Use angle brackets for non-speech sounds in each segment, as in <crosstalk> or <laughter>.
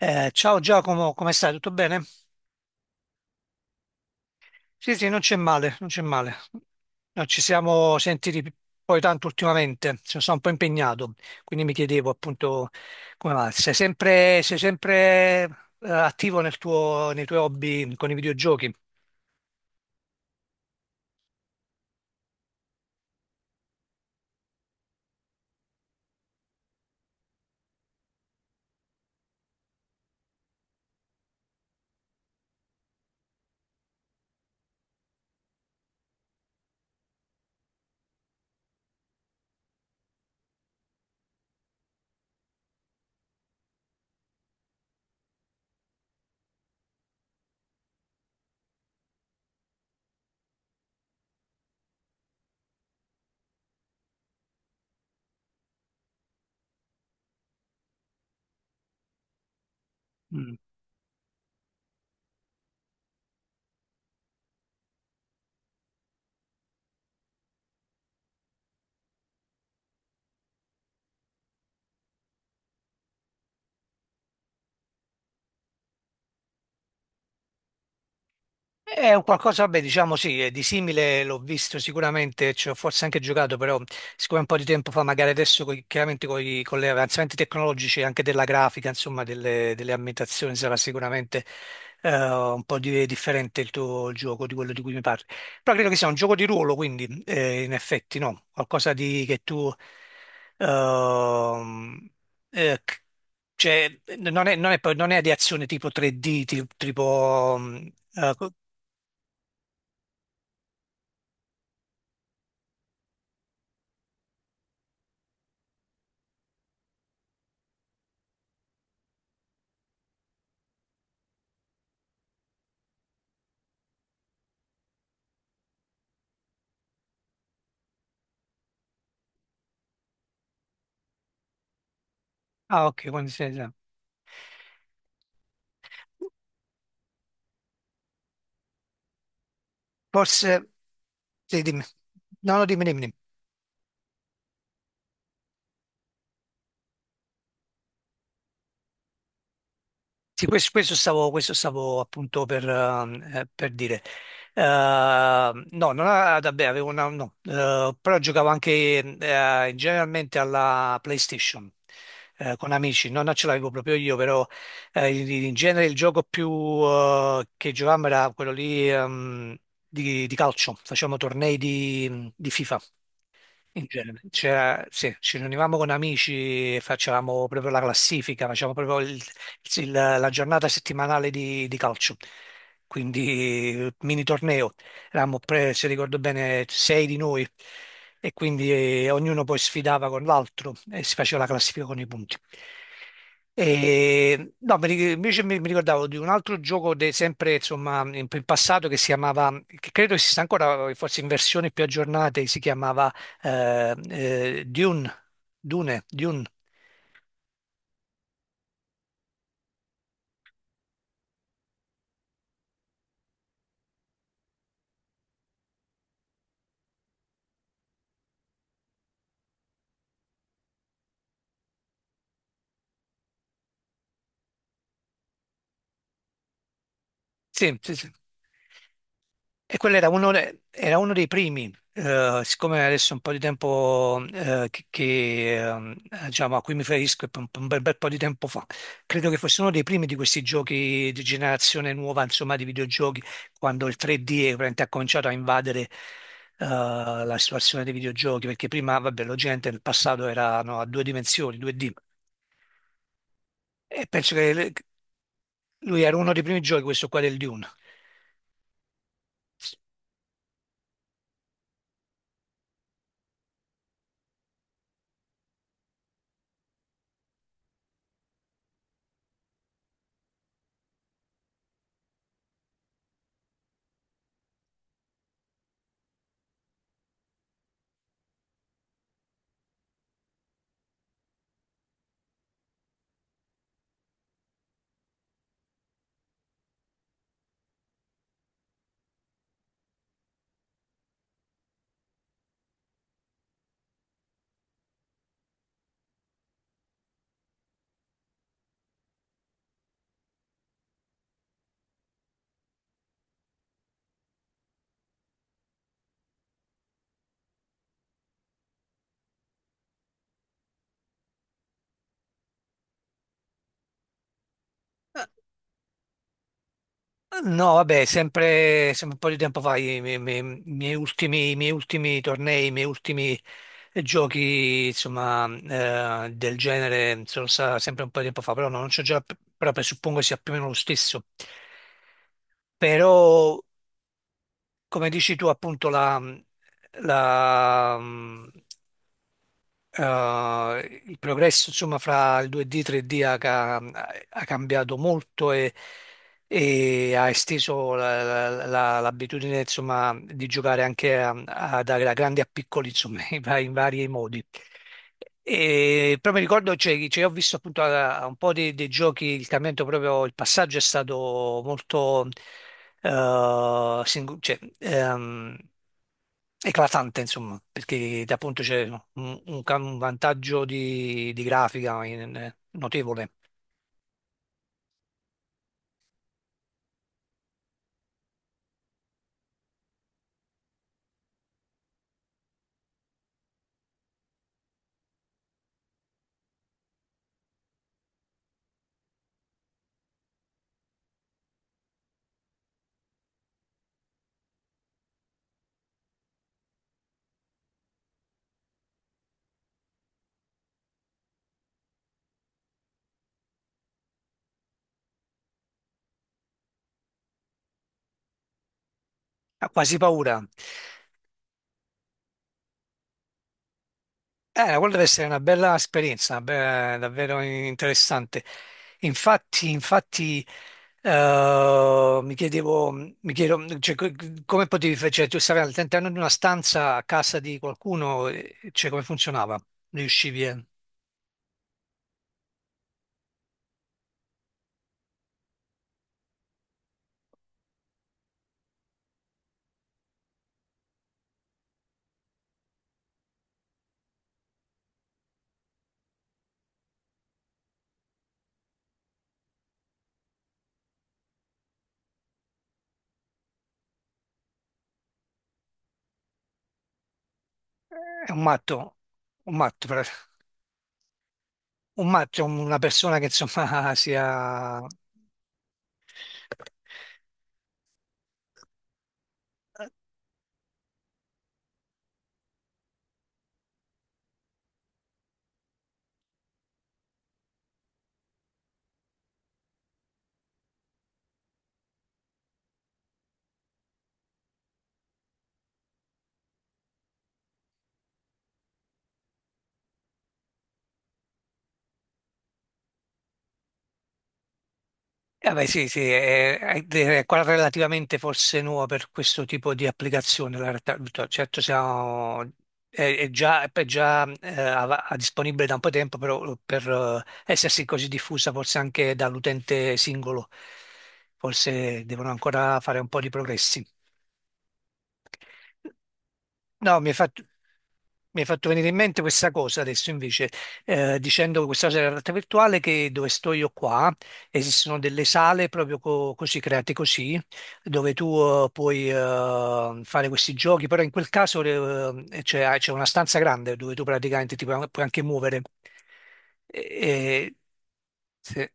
Ciao Giacomo, come stai? Tutto bene? Sì, sì, non c'è male, non c'è male. Non ci siamo sentiti poi tanto ultimamente, sono stato un po' impegnato, quindi mi chiedevo appunto come va. Sei sempre attivo nel nei tuoi hobby con i videogiochi? È un qualcosa, vabbè, diciamo sì, di simile l'ho visto sicuramente, ci ho forse anche giocato, però siccome un po' di tempo fa, magari adesso chiaramente con gli avanzamenti tecnologici anche della grafica, insomma, delle ambientazioni sarà sicuramente un po' differente il tuo gioco di quello di cui mi parli. Però credo che sia un gioco di ruolo, quindi in effetti no, qualcosa di che tu ehm, eh, c- cioè, non è di azione tipo 3D, tipo. Ah, ok, quindi sì, sì. Forse, sì, dimmi. No, no, dimmi, dimmi, dimmi. Sì, questo stavo appunto per dire. No, non a- vabbè, avevo una, no, però giocavo anche generalmente alla PlayStation con amici. No, non ce l'avevo proprio io, però in genere il gioco più che giocavamo era quello lì di calcio, facevamo tornei di FIFA. In genere, sì, ci riunivamo con amici e facevamo proprio la classifica, facevamo proprio la giornata settimanale di calcio, quindi mini torneo. Eravamo, se ricordo bene, sei di noi e quindi ognuno poi sfidava con l'altro e si faceva la classifica con i punti. E, no, invece mi ricordavo di un altro gioco sempre insomma in passato che si chiamava, che credo esista ancora, forse in versioni più aggiornate, si chiamava Dune, Dune. Sì, sì, sì. E quello era era uno dei primi, siccome adesso è un po' di tempo diciamo, a cui mi riferisco, è un bel, bel po' di tempo fa, credo che fosse uno dei primi di questi giochi di generazione nuova, insomma, di videogiochi, quando il 3D è veramente ha cominciato a invadere la situazione dei videogiochi, perché prima, vabbè, la gente nel passato era no, a due dimensioni, 2D. E penso che lui era uno dei primi giochi, questo qua del Dune. Ah, no, vabbè, sempre, sempre un po' di tempo fa, miei ultimi, i miei ultimi tornei, i miei ultimi giochi, insomma, del genere, sono stati sempre un po' di tempo fa, però no, non c'ho già, però presuppongo sia più o meno lo stesso. Però, come dici tu, appunto, la- il progresso insomma fra il 2D e 3D ha cambiato molto, e ha esteso l'abitudine insomma di giocare anche da grandi a piccoli insomma <laughs> in vari modi. E però mi ricordo, ho visto appunto a un po' dei giochi, il cambiamento proprio, il passaggio è stato molto, eh, singo- cioè, ehm, eclatante, insomma, perché appunto c'è un, un vantaggio di grafica notevole. Ha quasi paura. Quella deve essere una bella esperienza, una davvero interessante. Infatti, infatti, mi chiedo, come potevi fare, cioè, tu stavi all'interno di una stanza a casa di qualcuno, cioè, come funzionava? Riuscivi a... È un matto, un matto, per- un matto è una persona che insomma <laughs> sia sì, sì, è quella relativamente forse nuova per questo tipo di applicazione. La realtà virtuale, certo, siamo, è già disponibile da un po' di tempo, però per essersi così diffusa forse anche dall'utente singolo, forse devono ancora fare un po' di progressi. No, mi hai fatto venire in mente questa cosa adesso invece, dicendo questa cosa della realtà virtuale che dove sto io qua esistono delle sale proprio così create così, dove tu puoi fare questi giochi, però in quel caso c'è una stanza grande dove tu praticamente ti puoi anche muovere. E- e- sì.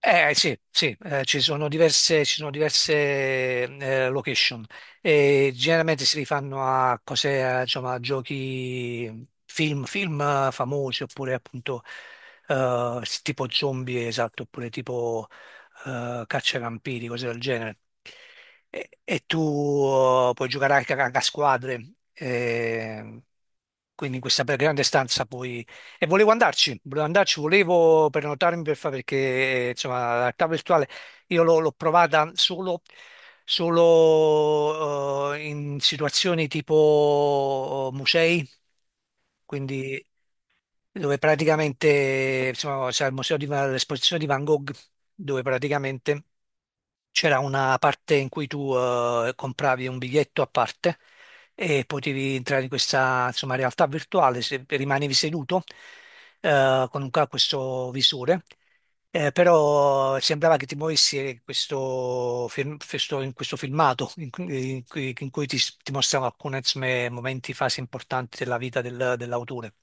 Eh sì, sì, ci sono diverse location e generalmente si rifanno a cose, a, insomma, a giochi, film, film famosi oppure appunto tipo zombie, esatto, oppure tipo caccia ai vampiri, cose del genere. E tu puoi giocare anche a, anche a squadre, quindi in questa grande stanza puoi, e volevo andarci, volevo prenotarmi per fare perché insomma la realtà virtuale io l'ho l'ho provata solo, solo in situazioni tipo musei, quindi dove praticamente, insomma, c'è il museo di, l'esposizione di Van Gogh, dove praticamente c'era una parte in cui tu compravi un biglietto a parte e potevi entrare in questa, insomma, realtà virtuale, se rimanevi seduto con un, questo visore. Però sembrava che ti muovessi in questo filmato in, in cui ti mostrano alcuni insomma momenti, fasi importanti della vita dell'autore.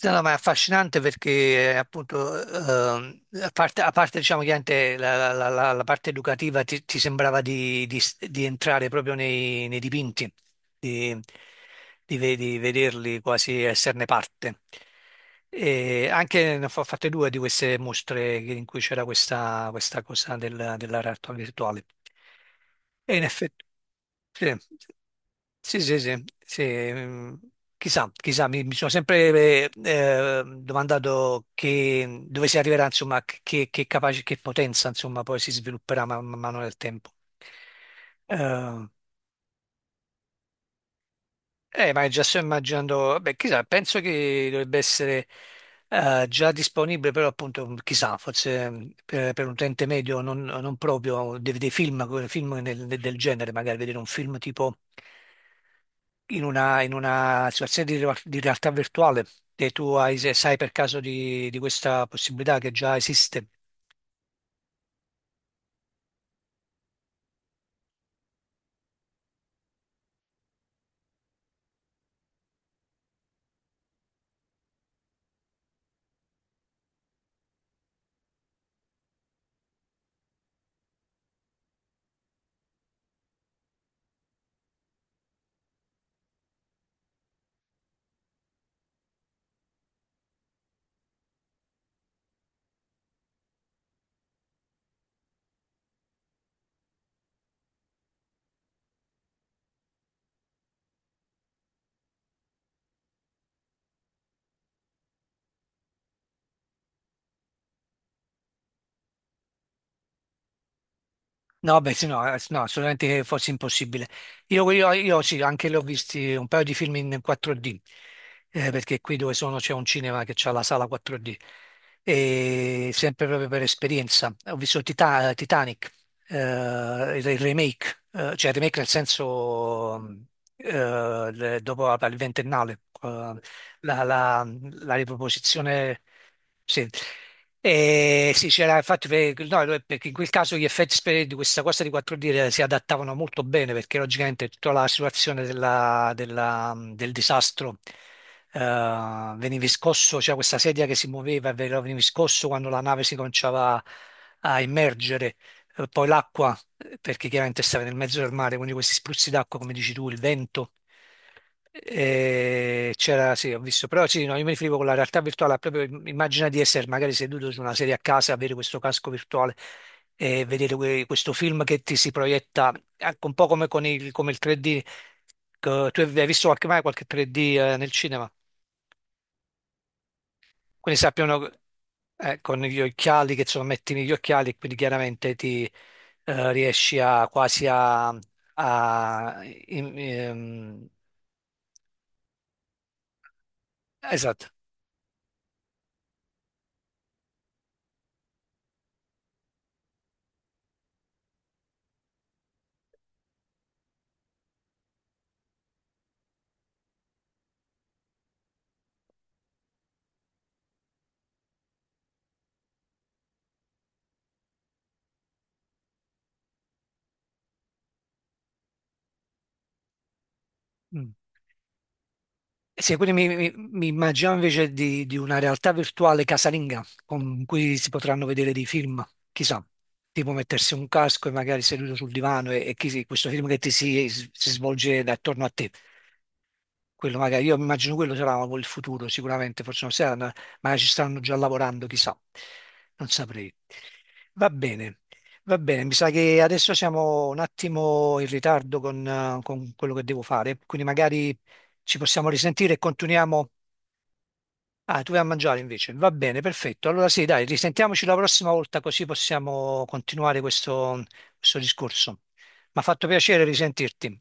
No, no, ma è affascinante perché appunto, a parte, diciamo, chiaramente la parte educativa ti sembrava di entrare proprio nei dipinti di, di vederli, quasi esserne parte. E anche ne ho fatte due di queste mostre in cui c'era questa, questa cosa della realtà virtuale. E in effetti, sì, sì, sì, sì, sì, mm, chissà, chissà, mi sono sempre domandato che, dove si arriverà, insomma, che potenza, insomma, poi si svilupperà man, man mano nel tempo. Ehm, ma già sto immaginando, beh, chissà, penso che dovrebbe essere già disponibile, però appunto, mm, chissà, forse mm, per un utente medio non, non proprio, dei film, film del genere, magari vedere un film tipo in una situazione di realtà virtuale, e tu hai, se sai per caso di questa possibilità che già esiste. No, beh, sì, no, sì, no, assolutamente che fosse impossibile. Io sì, anche l'ho visti un paio di film in 4D, perché qui dove sono c'è un cinema che ha la sala 4D, e sempre proprio per esperienza. Ho visto Titanic, il remake, cioè il remake nel senso mm, il ventennale, la, la- la riproposizione. Sì. E sì, c'era infatti no, no, perché in quel caso gli effetti di questa cosa di 4D si adattavano molto bene perché logicamente tutta la situazione del disastro eh, veniva scosso, c'era questa sedia che si muoveva, e veniva scosso quando la nave si cominciava a immergere. Poi l'acqua perché chiaramente stava nel mezzo del mare, quindi questi spruzzi d'acqua, come dici tu, il vento. C'era, sì, ho visto, però sì, no, io mi riferivo con la realtà virtuale, proprio immagina di essere magari seduto su una sedia a casa, avere questo casco virtuale e vedere questo film che ti si proietta, anche un po' come con il, come il 3D, che tu hai visto qualche, mai qualche 3D nel cinema? Quindi sappiano con gli occhiali che sono metti negli occhiali e quindi chiaramente ti riesci a quasi a, a- in- ehm, esatto. Mm. Sì, quindi mi immagino invece di una realtà virtuale casalinga con cui si potranno vedere dei film, chissà, tipo mettersi un casco e magari seduto sul divano e questo film che ti si svolge attorno a te. Quello magari, io immagino quello sarà il futuro sicuramente, forse non saranno, magari ci stanno già lavorando, chissà, non saprei. Va bene, va bene, mi sa che adesso siamo un attimo in ritardo con quello che devo fare, quindi magari ci possiamo risentire e continuiamo. Ah, tu vai a mangiare invece, va bene, perfetto. Allora sì, dai, risentiamoci la prossima volta così possiamo continuare questo, questo discorso. Mi ha fatto piacere risentirti.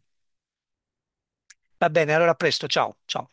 Va bene, allora a presto, ciao, ciao.